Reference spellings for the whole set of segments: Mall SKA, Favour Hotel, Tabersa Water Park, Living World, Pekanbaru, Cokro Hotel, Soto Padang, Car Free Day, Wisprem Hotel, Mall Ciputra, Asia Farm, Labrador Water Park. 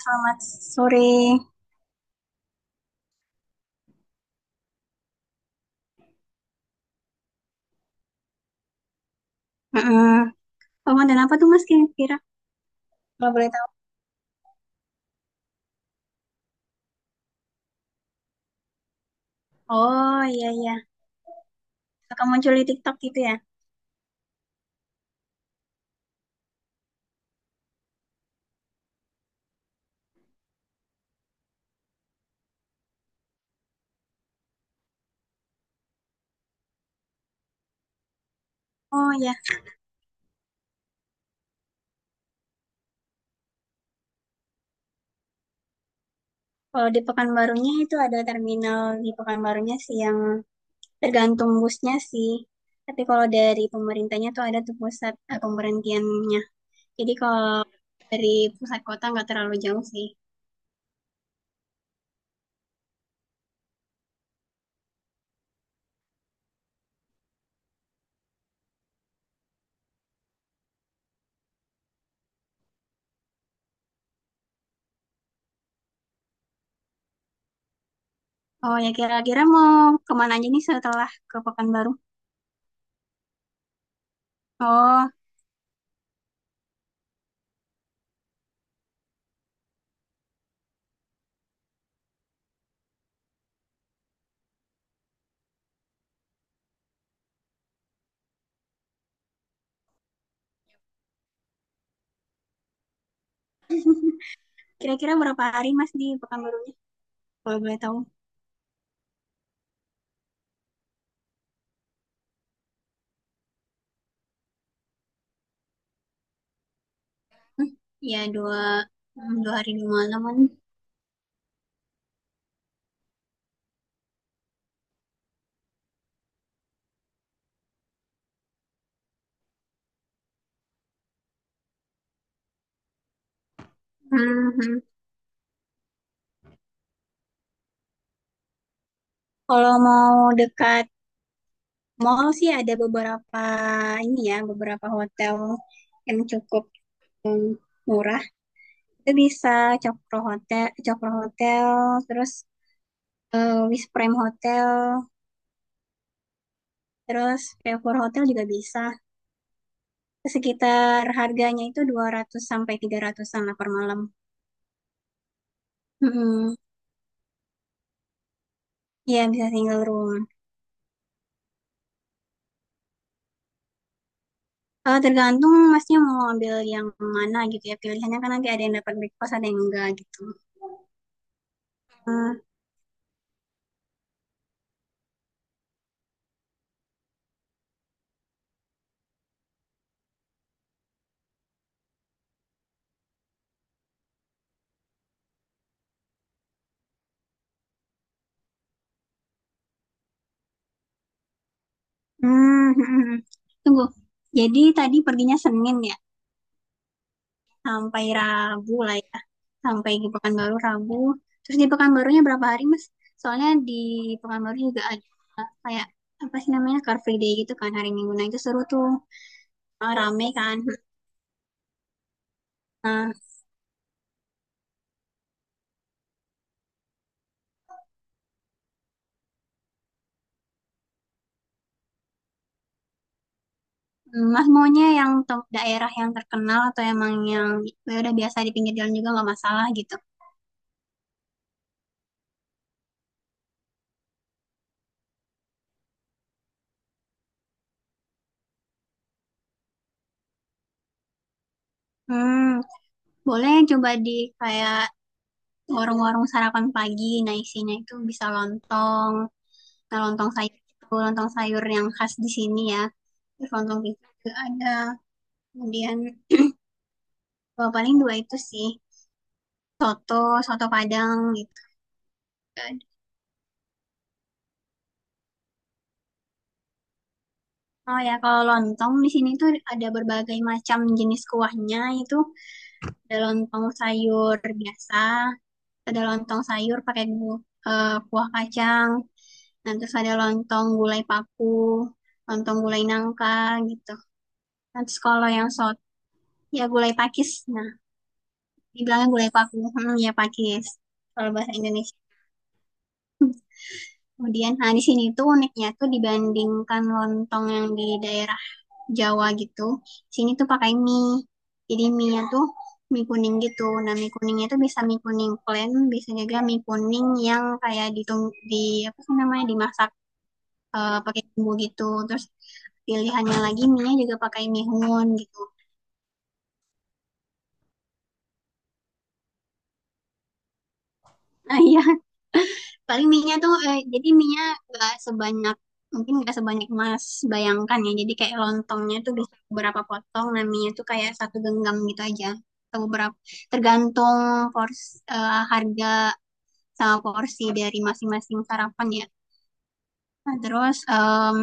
Selamat sore. Heeh. Ramadan apa tuh Mas kira-kira? Kalau boleh tahu. Oh iya iya. Suka muncul di TikTok gitu ya? Oh iya. Kalau di Pekanbarunya itu ada terminal di Pekanbarunya sih yang tergantung busnya sih. Tapi kalau dari pemerintahnya tuh ada tuh pusat pemberhentiannya. Jadi kalau dari pusat kota nggak terlalu jauh sih. Oh ya, kira-kira mau kemana aja nih setelah ke Pekanbaru? Oh, kira-kira berapa hari Mas di Pekanbarunya? Kalau boleh tahu. Hmm, Ya dua hari 2 malaman. Mhm. Kalau mau dekat mall sih ada beberapa ini ya beberapa hotel yang cukup hmm, murah. Itu bisa Cokro Hotel, terus Wisprem Hotel, terus Favour Hotel juga bisa. Sekitar harganya itu 200 sampai 300-an lah per malam. Mhm. Iya bisa single room. Tergantung masnya mau ambil yang mana gitu ya. Pilihannya kan nanti ada yang dapat breakfast, ada yang enggak gitu. Eh, hmm, Tunggu. Jadi tadi perginya Senin ya, sampai Rabu lah ya. Sampai di Pekanbaru Rabu. Terus di Pekanbarunya berapa hari, Mas? Soalnya di Pekanbaru juga ada kayak apa sih namanya Car Free Day gitu kan hari Minggu. Nah, itu seru tuh. Rame kan. Nah, Mas maunya yang daerah yang terkenal atau emang yang ya udah biasa di pinggir jalan juga nggak masalah gitu. Hmm, boleh coba di kayak warung-warung sarapan pagi. Nah, isinya itu bisa lontong. Nah, lontong sayur itu lontong sayur yang khas di sini ya. Terus lontong pisang juga ada. Kemudian paling dua itu sih soto, soto Padang gitu kan. Oh ya, kalau lontong di sini tuh ada berbagai macam jenis kuahnya. Itu ada lontong sayur biasa, ada lontong sayur pakai kuah kacang, nah, terus ada lontong gulai paku, lontong gulai nangka gitu. Nah, terus kalau yang ya gulai pakis. Nah, dibilangnya gulai paku, ya pakis kalau bahasa Indonesia. Kemudian, nah di sini tuh uniknya tuh dibandingkan lontong yang di daerah Jawa gitu, sini tuh pakai mie. Jadi mie-nya tuh mie kuning gitu. Nah, mie kuningnya itu bisa mie kuning plain, bisa juga mie kuning yang kayak ditung di apa sih namanya dimasak pakai bumbu gitu. Terus pilihannya lagi mie juga pakai mihun gitu. Nah iya, paling mie-nya tuh jadi mie-nya gak sebanyak mungkin gak sebanyak Mas bayangkan ya. Jadi kayak lontongnya tuh bisa beberapa potong, nah mie-nya tuh kayak satu genggam gitu aja. Atau beberapa tergantung pors harga sama porsi dari masing-masing sarapan ya. Nah, terus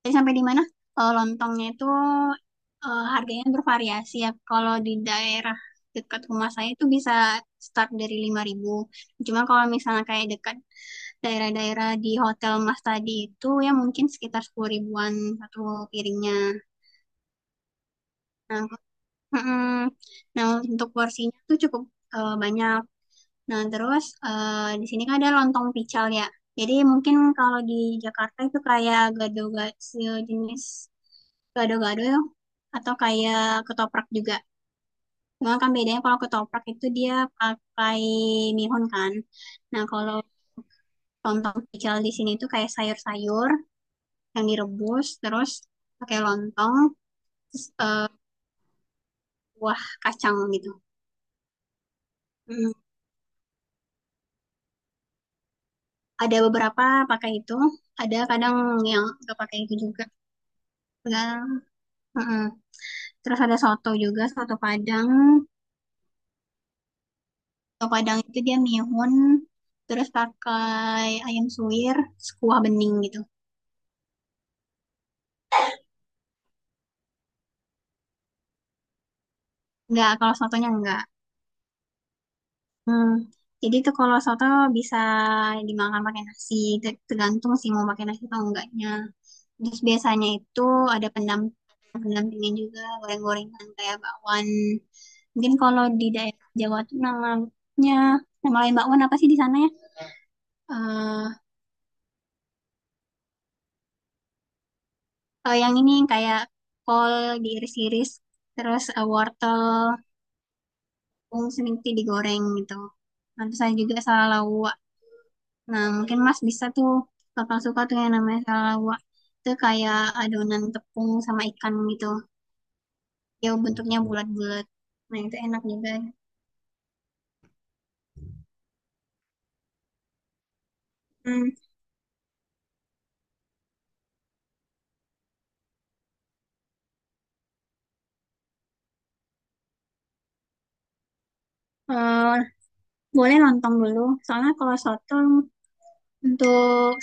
Tadi sampai di mana? Lontongnya itu harganya bervariasi ya. Kalau di daerah dekat rumah saya itu bisa start dari 5.000. Cuma kalau misalnya kayak dekat daerah-daerah di Hotel Mas tadi itu ya mungkin sekitar 10.000-an satu piringnya. Nah, mm, nah, untuk porsinya tuh cukup banyak. Nah, terus di sini kan ada lontong pical ya. Jadi mungkin kalau di Jakarta itu kayak gado-gado sejenis gado-gado ya, atau kayak ketoprak juga. Cuma kan bedanya kalau ketoprak itu dia pakai mihun kan. Nah, kalau lontong pical di sini itu kayak sayur-sayur yang direbus terus pakai lontong terus, buah kacang gitu. Mm. Ada beberapa pakai itu, ada kadang yang nggak pakai itu juga. Tergantung. Mm-mm. Terus ada soto juga, soto Padang. Soto Padang itu dia mihun, terus pakai ayam suwir, terus kuah bening gitu. Enggak, kalau sotonya enggak. Hmm. Jadi itu kalau soto bisa dimakan pakai nasi, tergantung sih mau pakai nasi atau enggaknya. Terus biasanya itu ada pendampingnya juga, goreng-gorengan kayak bakwan. Mungkin kalau di daerah Jawa tuh namanya, nama lain bakwan apa sih di sana ya? Eh, oh, yang ini yang kayak kol diiris-iris, terus wortel, bung sedikit digoreng gitu. Nanti saya juga salalawak. Nah, mungkin Mas bisa tuh, kapan suka tuh yang namanya salalawak. Itu kayak adonan tepung sama ikan gitu. Ya, bentuknya bulat-bulat. Nah, itu enak juga. Hmm, eh, boleh lontong dulu. Soalnya kalau soto untuk...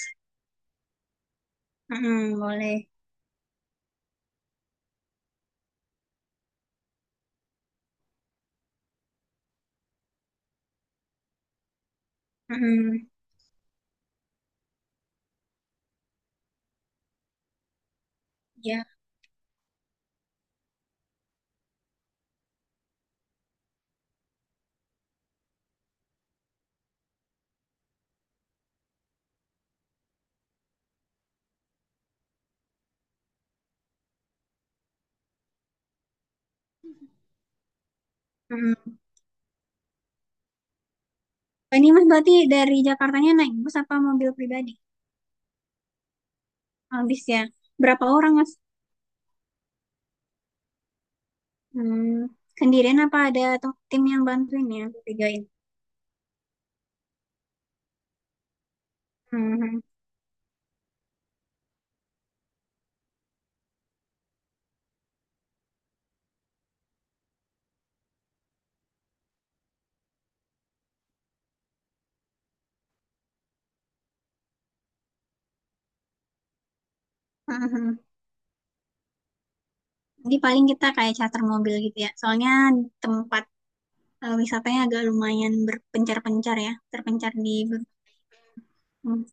Mm-mm, boleh. Mm-mm, ya. Mm-mm. Oh, ini Mas berarti dari Jakartanya naik bus apa mobil pribadi? Habis ya. Berapa orang, Mas? Hmm, sendirian apa ada tim yang bantuin ya? Bedain. Mhm. Mhm. Jadi paling kita kayak charter mobil gitu ya. Soalnya tempat wisatanya agak lumayan berpencar-pencar ya. Terpencar di... Hmm.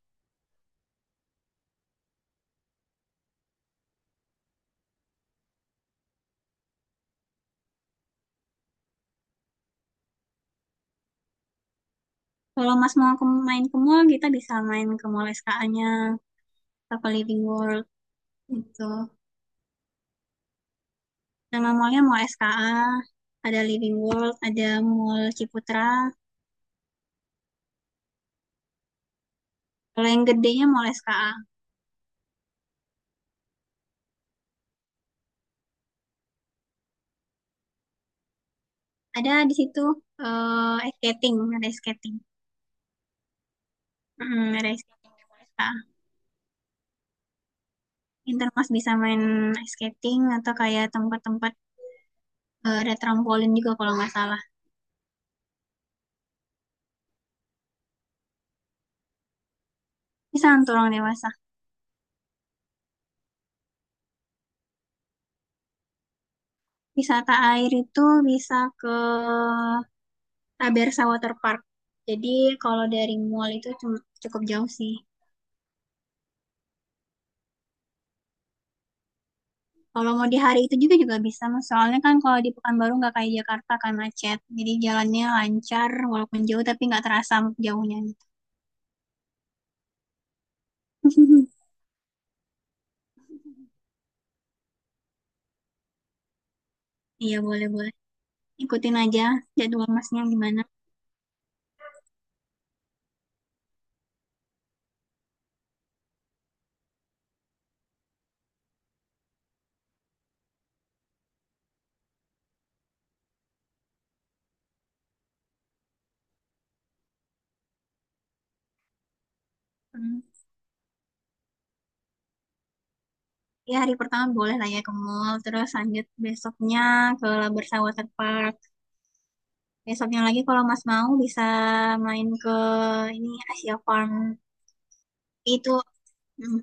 Kalau Mas mau main ke mall, kita bisa main ke Mall SKA-nya. Atau Living World gitu. Nama mallnya Mall SKA. Ada Living World, ada Mall Ciputra. Kalau yang gedenya Mall SKA. Ada di situ ice skating, ada ice skating. Ada ice skating di Malta. Intermas bisa main ice skating atau kayak tempat-tempat ada trampolin juga kalau nggak salah bisa untuk orang dewasa. Wisata air itu bisa ke Tabersa Water Park, jadi kalau dari mall itu cukup jauh sih. Kalau mau di hari itu juga juga bisa Mas. Soalnya kan kalau di Pekanbaru nggak kayak Jakarta kan macet, jadi jalannya lancar walaupun jauh tapi nggak terasa jauhnya gitu. Iya boleh boleh, ikutin aja jadwal masnya gimana. Hmm. Ya hari pertama boleh lah ya ke mall, terus lanjut besoknya ke Labrador Water Park. Besoknya lagi kalau mas mau bisa main ke ini Asia Farm. Itu, hmm.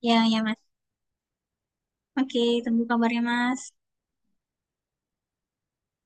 Ya, ya mas. Oke, tunggu kabarnya mas.